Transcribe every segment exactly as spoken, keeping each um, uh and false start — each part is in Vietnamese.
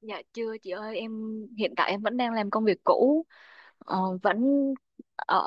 Dạ chưa chị ơi, em hiện tại em vẫn đang làm công việc cũ, ờ, vẫn ở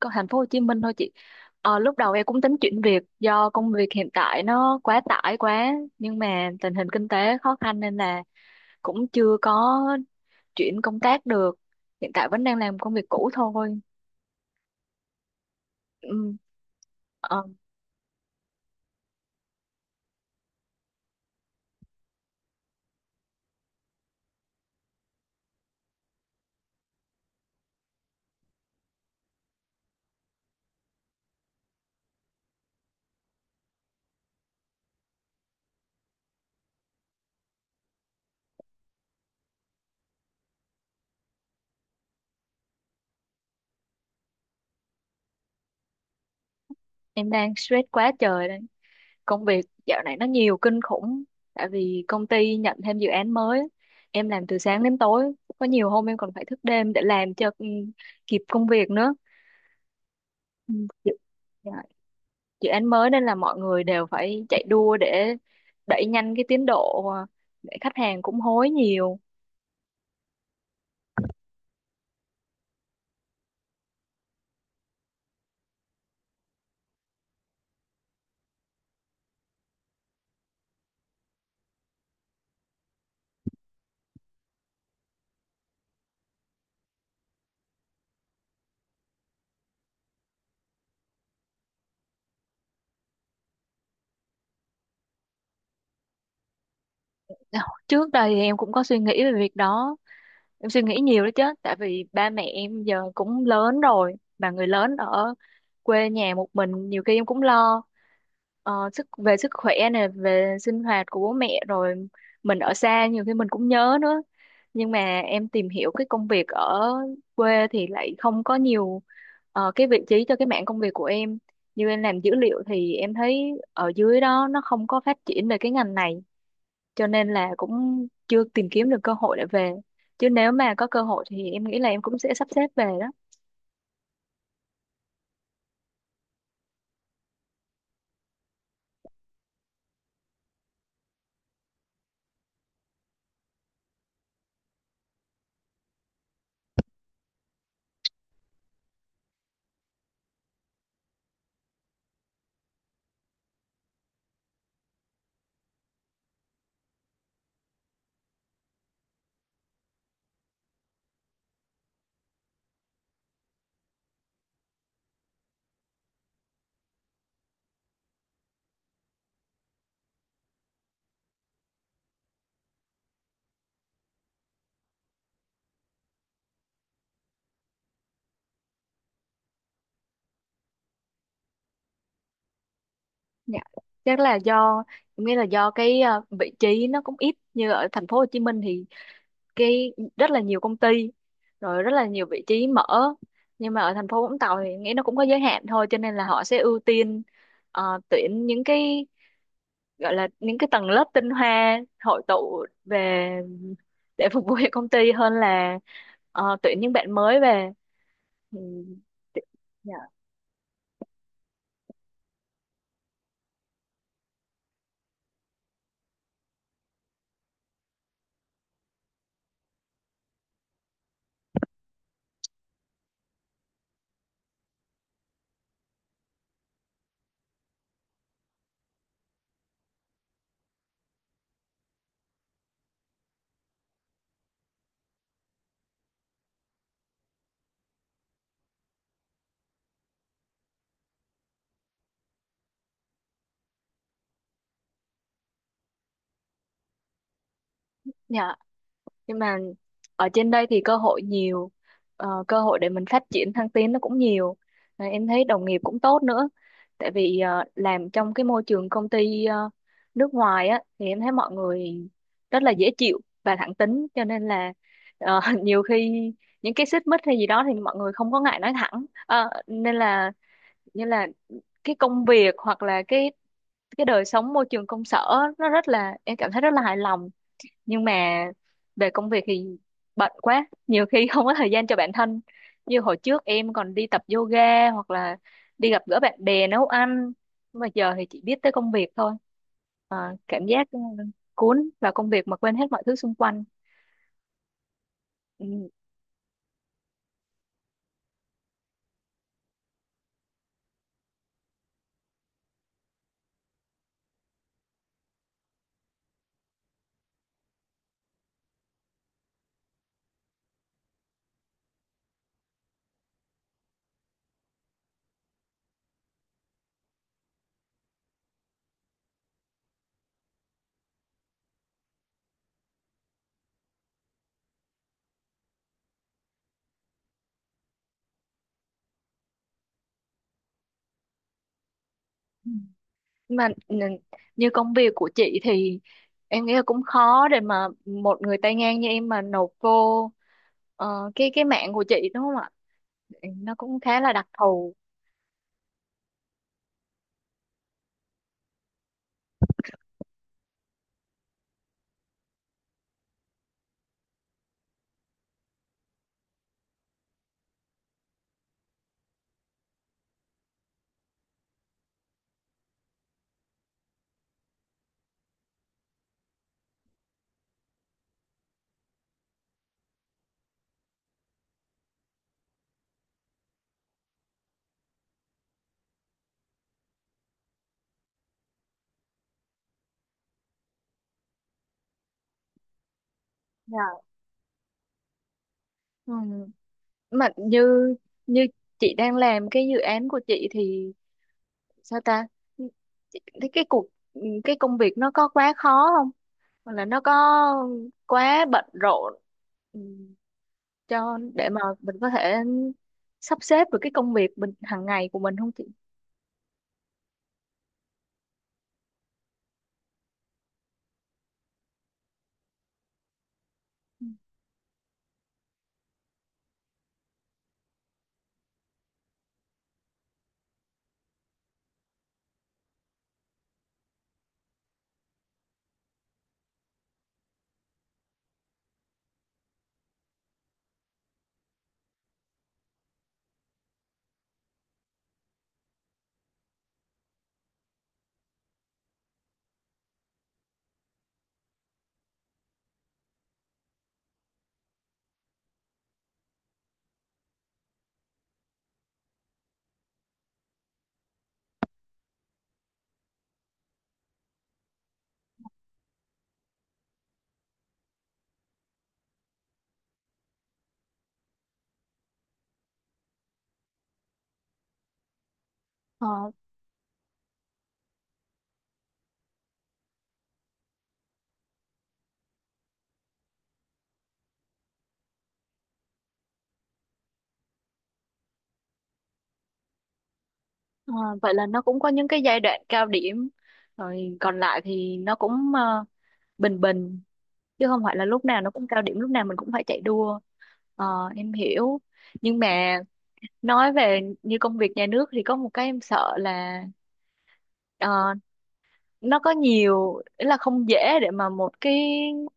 co- thành phố Hồ Chí Minh thôi chị. Ờ, lúc đầu em cũng tính chuyển việc do công việc hiện tại nó quá tải quá, nhưng mà tình hình kinh tế khó khăn nên là cũng chưa có chuyển công tác được, hiện tại vẫn đang làm công việc cũ thôi. ừ, ờ, em đang stress quá trời đây, công việc dạo này nó nhiều kinh khủng, tại vì công ty nhận thêm dự án mới, em làm từ sáng đến tối, có nhiều hôm em còn phải thức đêm để làm cho ừ, kịp công việc nữa. Ừ, dự, dạ, dự án mới nên là mọi người đều phải chạy đua để đẩy nhanh cái tiến độ, à, để khách hàng cũng hối nhiều. Ờ, trước đây thì em cũng có suy nghĩ về việc đó, em suy nghĩ nhiều đó chứ, tại vì ba mẹ em giờ cũng lớn rồi mà người lớn ở quê nhà một mình, nhiều khi em cũng lo ờ, sức về sức khỏe này, về sinh hoạt của bố mẹ, rồi mình ở xa nhiều khi mình cũng nhớ nữa. Nhưng mà em tìm hiểu cái công việc ở quê thì lại không có nhiều ờ, cái vị trí cho cái mảng công việc của em, như em làm dữ liệu thì em thấy ở dưới đó nó không có phát triển về cái ngành này, cho nên là cũng chưa tìm kiếm được cơ hội để về. Chứ nếu mà có cơ hội thì em nghĩ là em cũng sẽ sắp xếp về đó. Dạ, chắc là do em nghĩ là do cái ờ, vị trí nó cũng ít. Như ở thành phố Hồ Chí Minh thì cái rất là nhiều công ty, rồi rất là nhiều vị trí mở, nhưng mà ở thành phố Vũng Tàu thì nghĩ nó cũng có giới hạn thôi, cho nên là họ sẽ ưu tiên ờ, tuyển những cái gọi là những cái tầng lớp tinh hoa hội tụ về để phục vụ cho công ty hơn là ờ, tuyển những bạn mới về. Ừ, dạ, dạ, nhưng mà ở trên đây thì cơ hội nhiều, ờ, cơ hội để mình phát triển thăng tiến nó cũng nhiều. Và em thấy đồng nghiệp cũng tốt nữa, tại vì ờ, làm trong cái môi trường công ty ờ, nước ngoài á thì em thấy mọi người rất là dễ chịu và thẳng tính, cho nên là ờ, nhiều khi những cái xích mích hay gì đó thì mọi người không có ngại nói thẳng. Ờ, nên là như là cái công việc hoặc là cái cái đời sống môi trường công sở, nó rất là, em cảm thấy rất là hài lòng. Nhưng mà về công việc thì bận quá, nhiều khi không có thời gian cho bản thân, như hồi trước em còn đi tập yoga hoặc là đi gặp gỡ bạn bè, nấu ăn. Nhưng mà giờ thì chỉ biết tới công việc thôi. Ờ, cảm giác ừ, cuốn vào công việc mà quên hết mọi thứ xung quanh. Ừ. Nhưng mà ừ, như công việc của chị thì em nghĩ là cũng khó để mà một người tay ngang như em mà nộp vô ờ, cái cái mạng của chị, đúng không ạ? Nó cũng khá là đặc thù. Dạ. Ừ. Mà như như chị đang làm cái dự án của chị thì sao ta? Chị- thế cái cuộc cái công việc nó có quá khó không, hoặc là nó có quá bận rộn ừ, cho để mà mình có thể sắp xếp được cái công việc mình hàng ngày của mình không chị? Ờ, ờ, Vậy là nó cũng có những cái giai đoạn cao điểm, rồi còn lại thì nó cũng ờ, bình bình, chứ không phải là lúc nào nó cũng cao điểm, lúc nào mình cũng phải chạy đua. Ờ, em hiểu. Nhưng mà nói về như công việc nhà nước thì có một cái em sợ là ờ, nó có nhiều ý là không dễ để mà một cái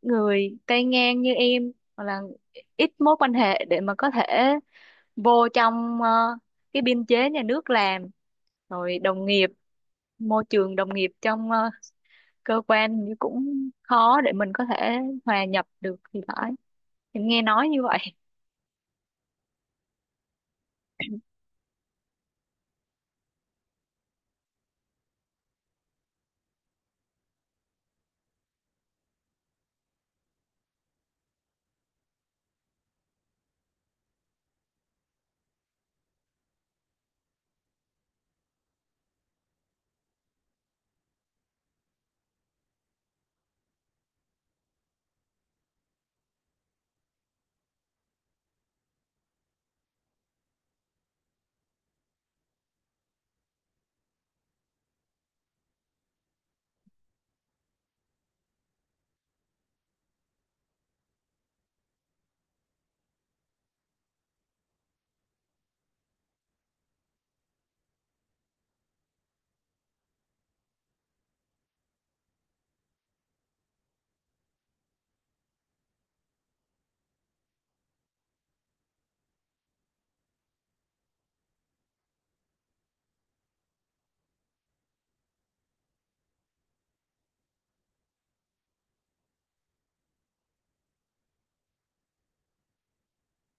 người tay ngang như em hoặc là ít mối quan hệ để mà có thể vô trong ờ, cái biên chế nhà nước làm. Rồi đồng nghiệp, môi trường đồng nghiệp trong ờ, cơ quan thì cũng khó để mình có thể hòa nhập được thì phải, em nghe nói như vậy.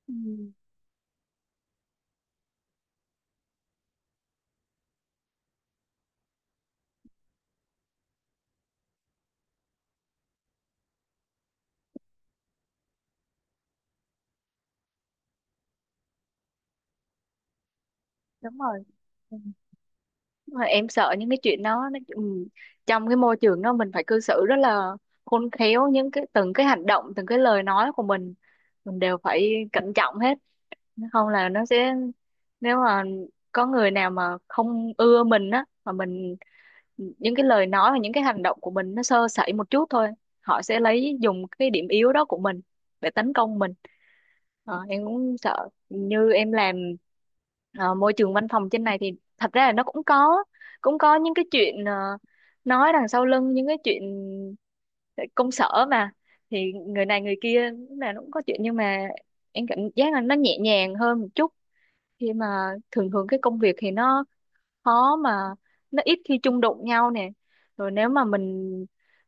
Ừ, đúng rồi. Mà em sợ những cái chuyện đó nó ừm, trong cái môi trường đó mình phải cư xử rất là khôn khéo, những cái từng cái hành động, từng cái lời nói của mình mình đều phải cẩn trọng hết. Không là nó sẽ, nếu mà có người nào mà không ưa mình á, mà mình những cái lời nói và những cái hành động của mình nó sơ sẩy một chút thôi, họ sẽ lấy dùng cái điểm yếu đó của mình để tấn công mình. Ờ, em cũng sợ. Như em làm ờ, môi trường văn phòng trên này thì thật ra là nó cũng có, cũng có những cái chuyện ờ, nói đằng sau lưng, những cái chuyện ờ, công sở mà, thì người này người kia lúc nào nó cũng có chuyện. Nhưng mà em cảm giác là nó nhẹ nhàng hơn một chút, khi mà thường thường cái công việc thì nó khó mà, nó ít khi chung đụng nhau nè. Rồi nếu mà mình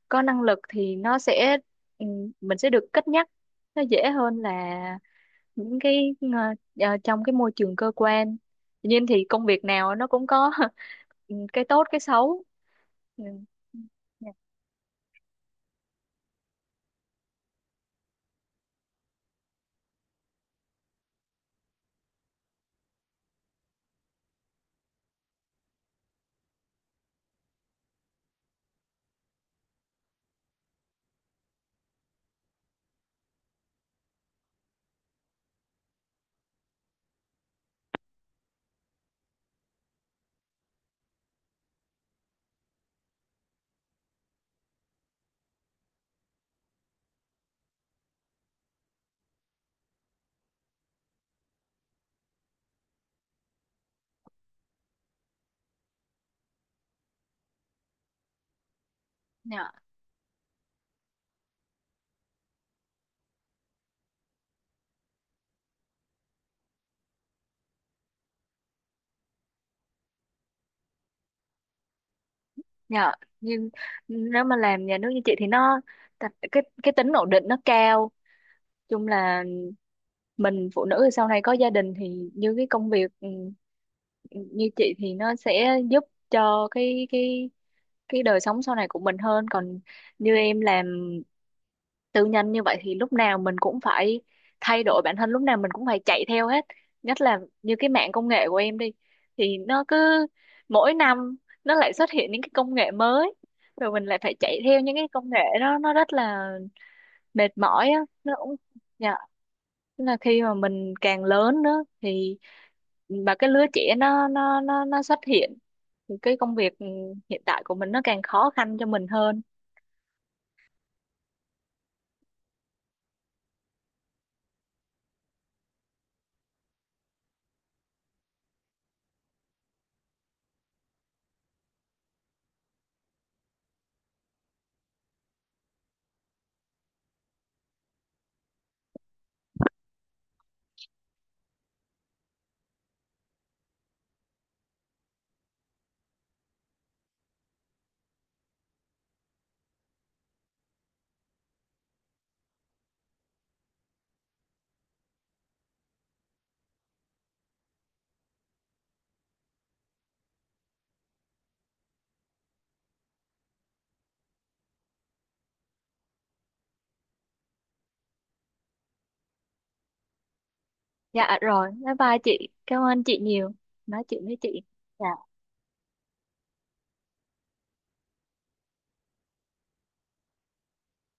có năng lực thì nó sẽ ừ, mình sẽ được cất nhắc, nó dễ hơn là những cái ờ, ờ, trong cái môi trường cơ quan. Tuy nhiên thì công việc nào nó cũng có cái tốt cái xấu. Ừ. Dạ, dạ, dạ, nhưng nếu mà làm nhà nước như chị thì nó tập- cái cái tính ổn định nó cao, chung là mình phụ nữ thì sau này có gia đình thì như cái công việc ừ, như chị thì nó sẽ giúp cho cái cái cái đời sống sau này của mình hơn. Còn như em làm tư nhân như vậy thì lúc nào mình cũng phải thay đổi bản thân, lúc nào mình cũng phải chạy theo hết, nhất là như cái mạng công nghệ của em đi thì nó cứ mỗi năm nó lại xuất hiện những cái công nghệ mới, rồi mình lại phải chạy theo những cái công nghệ đó, nó rất là mệt mỏi á, nó cũng, dạ. Tức là khi mà mình càng lớn nữa thì mà cái lứa trẻ nó nó nó nó xuất hiện thì cái công việc hiện tại của mình nó càng khó khăn cho mình hơn. Dạ rồi, bye bye chị. Cảm ơn chị nhiều. Nói chuyện với chị. Dạ.